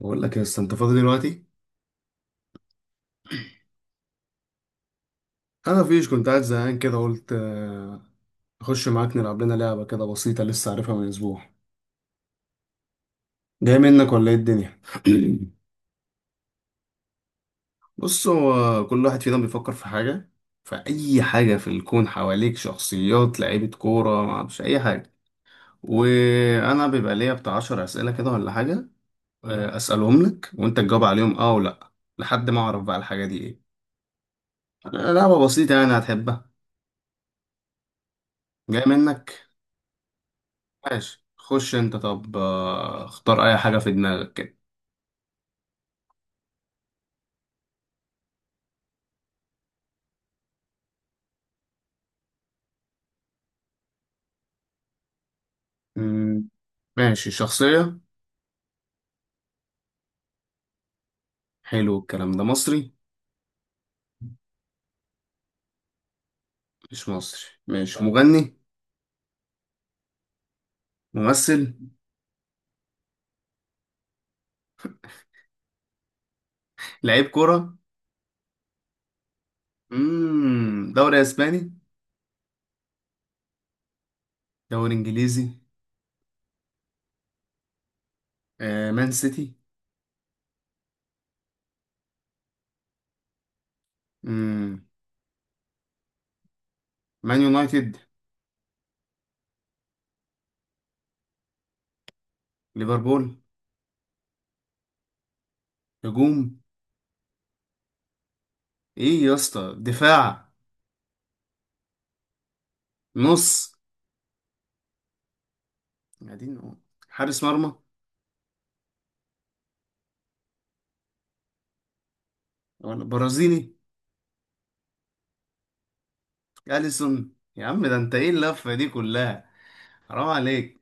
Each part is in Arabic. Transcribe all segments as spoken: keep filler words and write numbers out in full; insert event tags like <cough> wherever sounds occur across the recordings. بقول لك يا اسطى انت فاضي دلوقتي. انا فيش، كنت قاعد زهقان كده قلت آه، اخش معاك نلعب لنا لعبه كده بسيطه، لسه عارفها من اسبوع. جاي منك ولا ايه الدنيا؟ <clears throat> بص، هو كل واحد فينا بيفكر في حاجه، في اي حاجه في الكون حواليك، شخصيات، لعيبه كوره، ما اعرفش اي حاجه. وانا بيبقى ليا بتاع عشر اسئله كده ولا حاجه، آه، اسالهم لك وانت تجاوب عليهم اه ولا لأ، لحد ما اعرف بقى الحاجه دي ايه. آه، لعبه بسيطه يعني، هتحبها. جاي منك؟ ماشي، خش انت. طب آه، اختار اي حاجة في دماغك كده. مم. ماشي، شخصية. حلو. الكلام ده مصري؟ مش مصري. ماشي، مغني؟ ممثل؟ لعيب كرة؟ مم. دوري اسباني؟ دوري انجليزي؟ آه. مان سيتي؟ مم. مان يونايتد؟ ليفربول؟ هجوم؟ ايه يا اسطى، دفاع؟ نص؟ قاعدين نقول. حارس مرمى؟ ولا برازيلي؟ اليسون، يا عم ده انت ايه اللفة دي كلها؟ حرام عليك.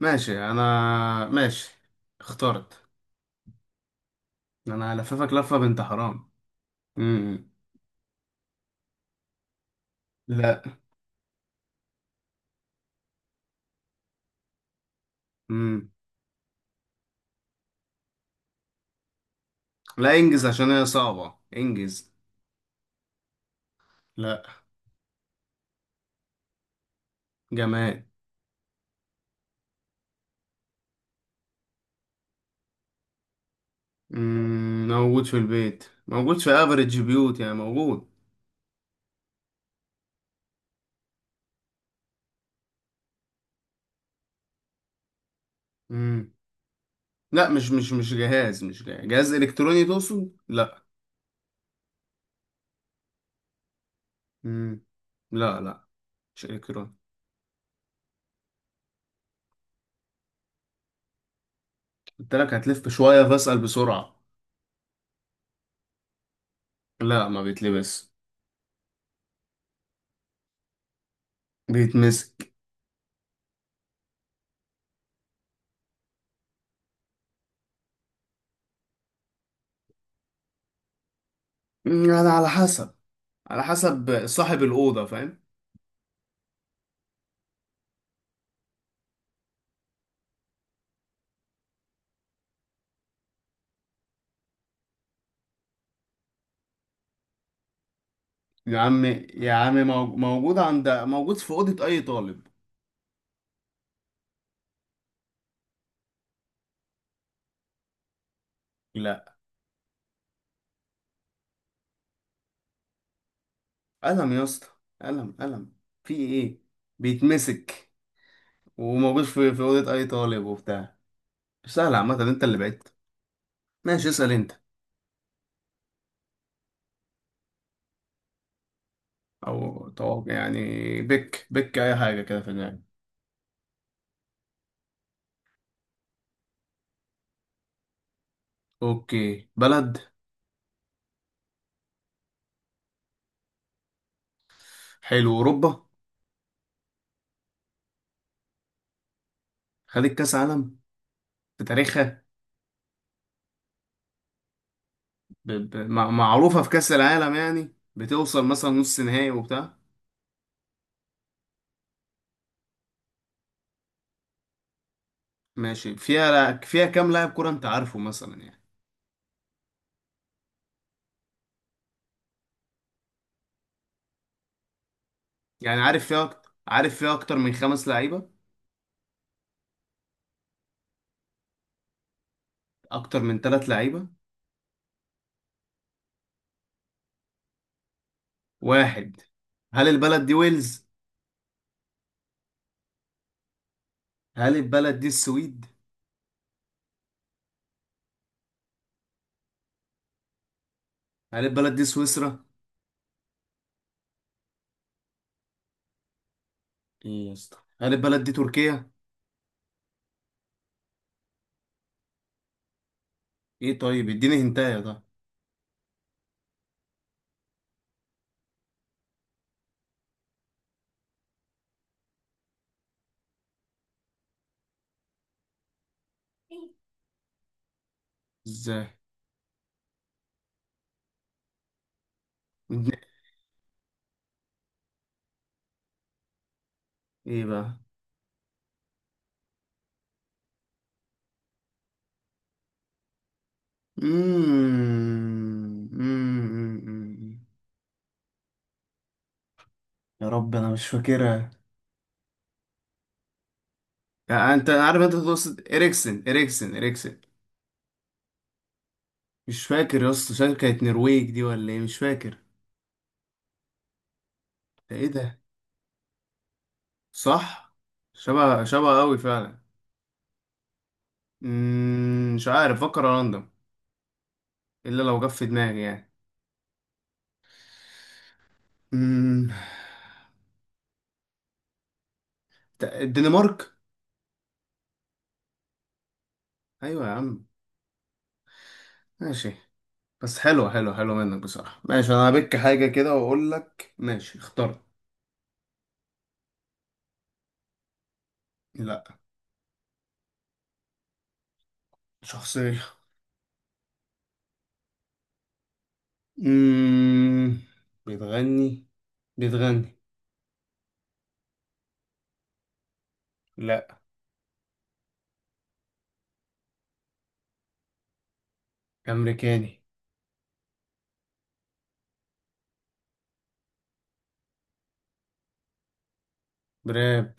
ماشي انا. ماشي، اخترت. انا هلففك لفة بنت حرام. امم لا. امم لا، انجز عشان هي صعبة، انجز. لا، جماد. امم موجود في البيت، موجود في افريج بيوت، يعني موجود. امم لا، مش مش مش جهاز مش جهاز, جهاز الكتروني تقصد؟ لا. امم لا لا، مش الكتروني. قلت لك هتلف شوية، فاسأل بسرعة. لا، ما بيتلبس. بيتمسك. مم، يعني على حسب، على حسب صاحب الأوضة، فاهم. يا عم، يا عم، مو- موجود عند، موجود في أوضة أي طالب. لا. قلم يا اسطى، قلم قلم. في إيه؟ بيتمسك، وموجود في في أوضة أي طالب وبتاع. سهل عامة، أنت اللي بعدت. ماشي، اسأل أنت. أو توقع يعني. بك بك أي حاجة كده في دماغك. أوكي، بلد. حلو، أوروبا. خدت كأس عالم في تاريخها؟ ب... ب... مع- معروفة في كأس العالم يعني، بتوصل مثلا نص نهائي وبتاع؟ ماشي، فيها فيها كام لاعب كرة أنت عارفه مثلا يعني؟ يعني عارف فيها أكتر، عارف فيها أكتر من خمس لعيبة؟ أكتر من ثلاث لعيبة؟ واحد؟ هل البلد دي ويلز؟ هل البلد دي السويد؟ هل البلد دي سويسرا؟ إيه يا اسطى، هل البلد دي تركيا؟ إيه طيب، اديني هنتايا ده. إزاي؟ اديني-. إيه بقى؟ مم. مم. مم. مم. يا رب، أنا مش فاكرها. يعني أنت عارف، أنت تقصد إريكسن، إريكسن، إريكسن؟ مش فاكر يا اسطى، شكلها كانت نرويج دي ولا إيه؟ مش فاكر. ده إيه ده؟ صح. شبه شبه قوي فعلا. مم، مش عارف، فكر راندوم، الا لو جه في دماغي يعني. مم، ت- الدنمارك؟ ايوه يا عم. ماشي. بس حلوه حلوه حلوه منك بصراحه. ماشي، انا هبك حاجه كده واقول لك. ماشي، اخترت. لا. شخصيه. مم، بتغني. بتغني. لا. امريكاني. براب.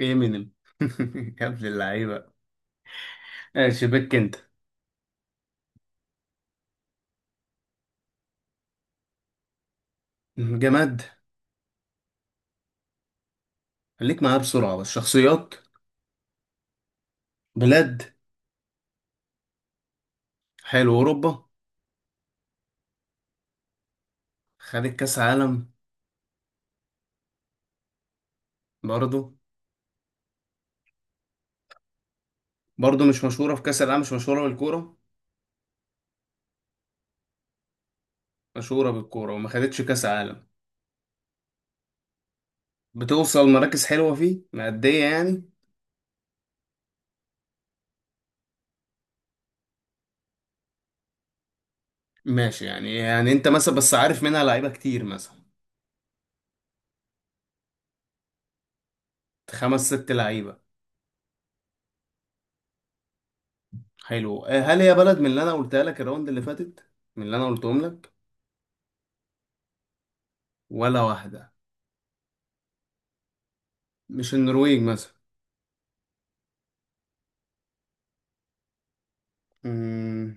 امينيم. <laughs> يا ابن اللعيبه. ماشي، بك انت. جماد؟ خليك معايا بسرعه، بس. شخصيات؟ بلاد؟ حلو، اوروبا. خدت كاس عالم؟ برضو. برضو مش مشهوره في كاس العالم، مش مشهوره بالكوره؟ مشهوره بالكوره وما خدتش كاس عالم؟ بتوصل مراكز حلوه فيه، مأدية يعني؟ ماشي، يعني يعني انت مثلا بس عارف منها لعيبه كتير مثلا؟ خمس ست لعيبه؟ حلو. آه، هل هي بلد من اللي انا قلتها لك الراوند اللي فاتت، من اللي انا قلتهم لك؟ ولا واحده؟ مش النرويج مثلا؟ مم،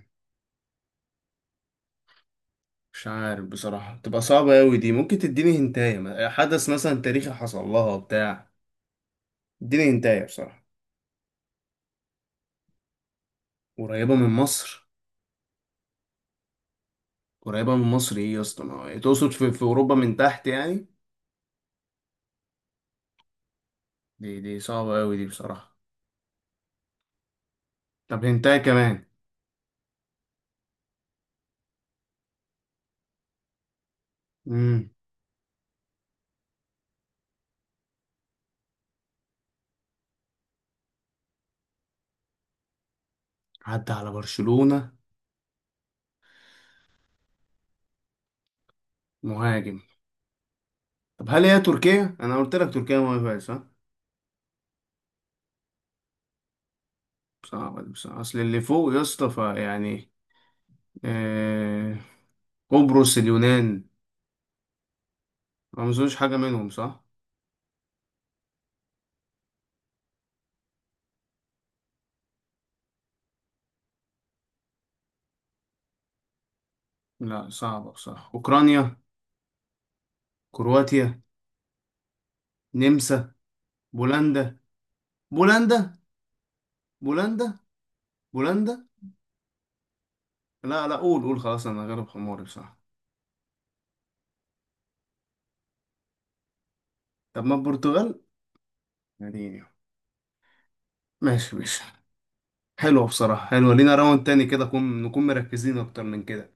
مش عارف بصراحه، تبقى صعبه قوي دي، ممكن تديني هنتايه حدث مثلا تاريخي حصل لها بتاع اديني انتايه بصراحه. قريبه من مصر؟ قريبه من مصر ايه يا اسطى، ما هو- تقصد في, في اوروبا من تحت يعني؟ دي دي صعبه قوي دي بصراحه. طب هنتايه كمان؟ امم عدى على برشلونه. مهاجم. طب هل هي تركيا؟ انا قلت لك تركيا مهاجم صح. صعبه دي بصراحه، اصل اللي فوق يا اسطى فيعني آه... قبرص، اليونان، ما اظنش حاجه منهم صح؟ لا صعبه بصراحه. اوكرانيا؟ كرواتيا؟ نمسا؟ بولندا؟ بولندا؟ بولندا؟ بولندا؟ لا لا، قول قول خلاص، انا غلب حماري بصراحة. طب ما البرتغال يعني. ماشي ماشي. حلوة بصراحة، حلوة لينا. راوند تاني كده، نكون نكون مركزين اكتر من كده.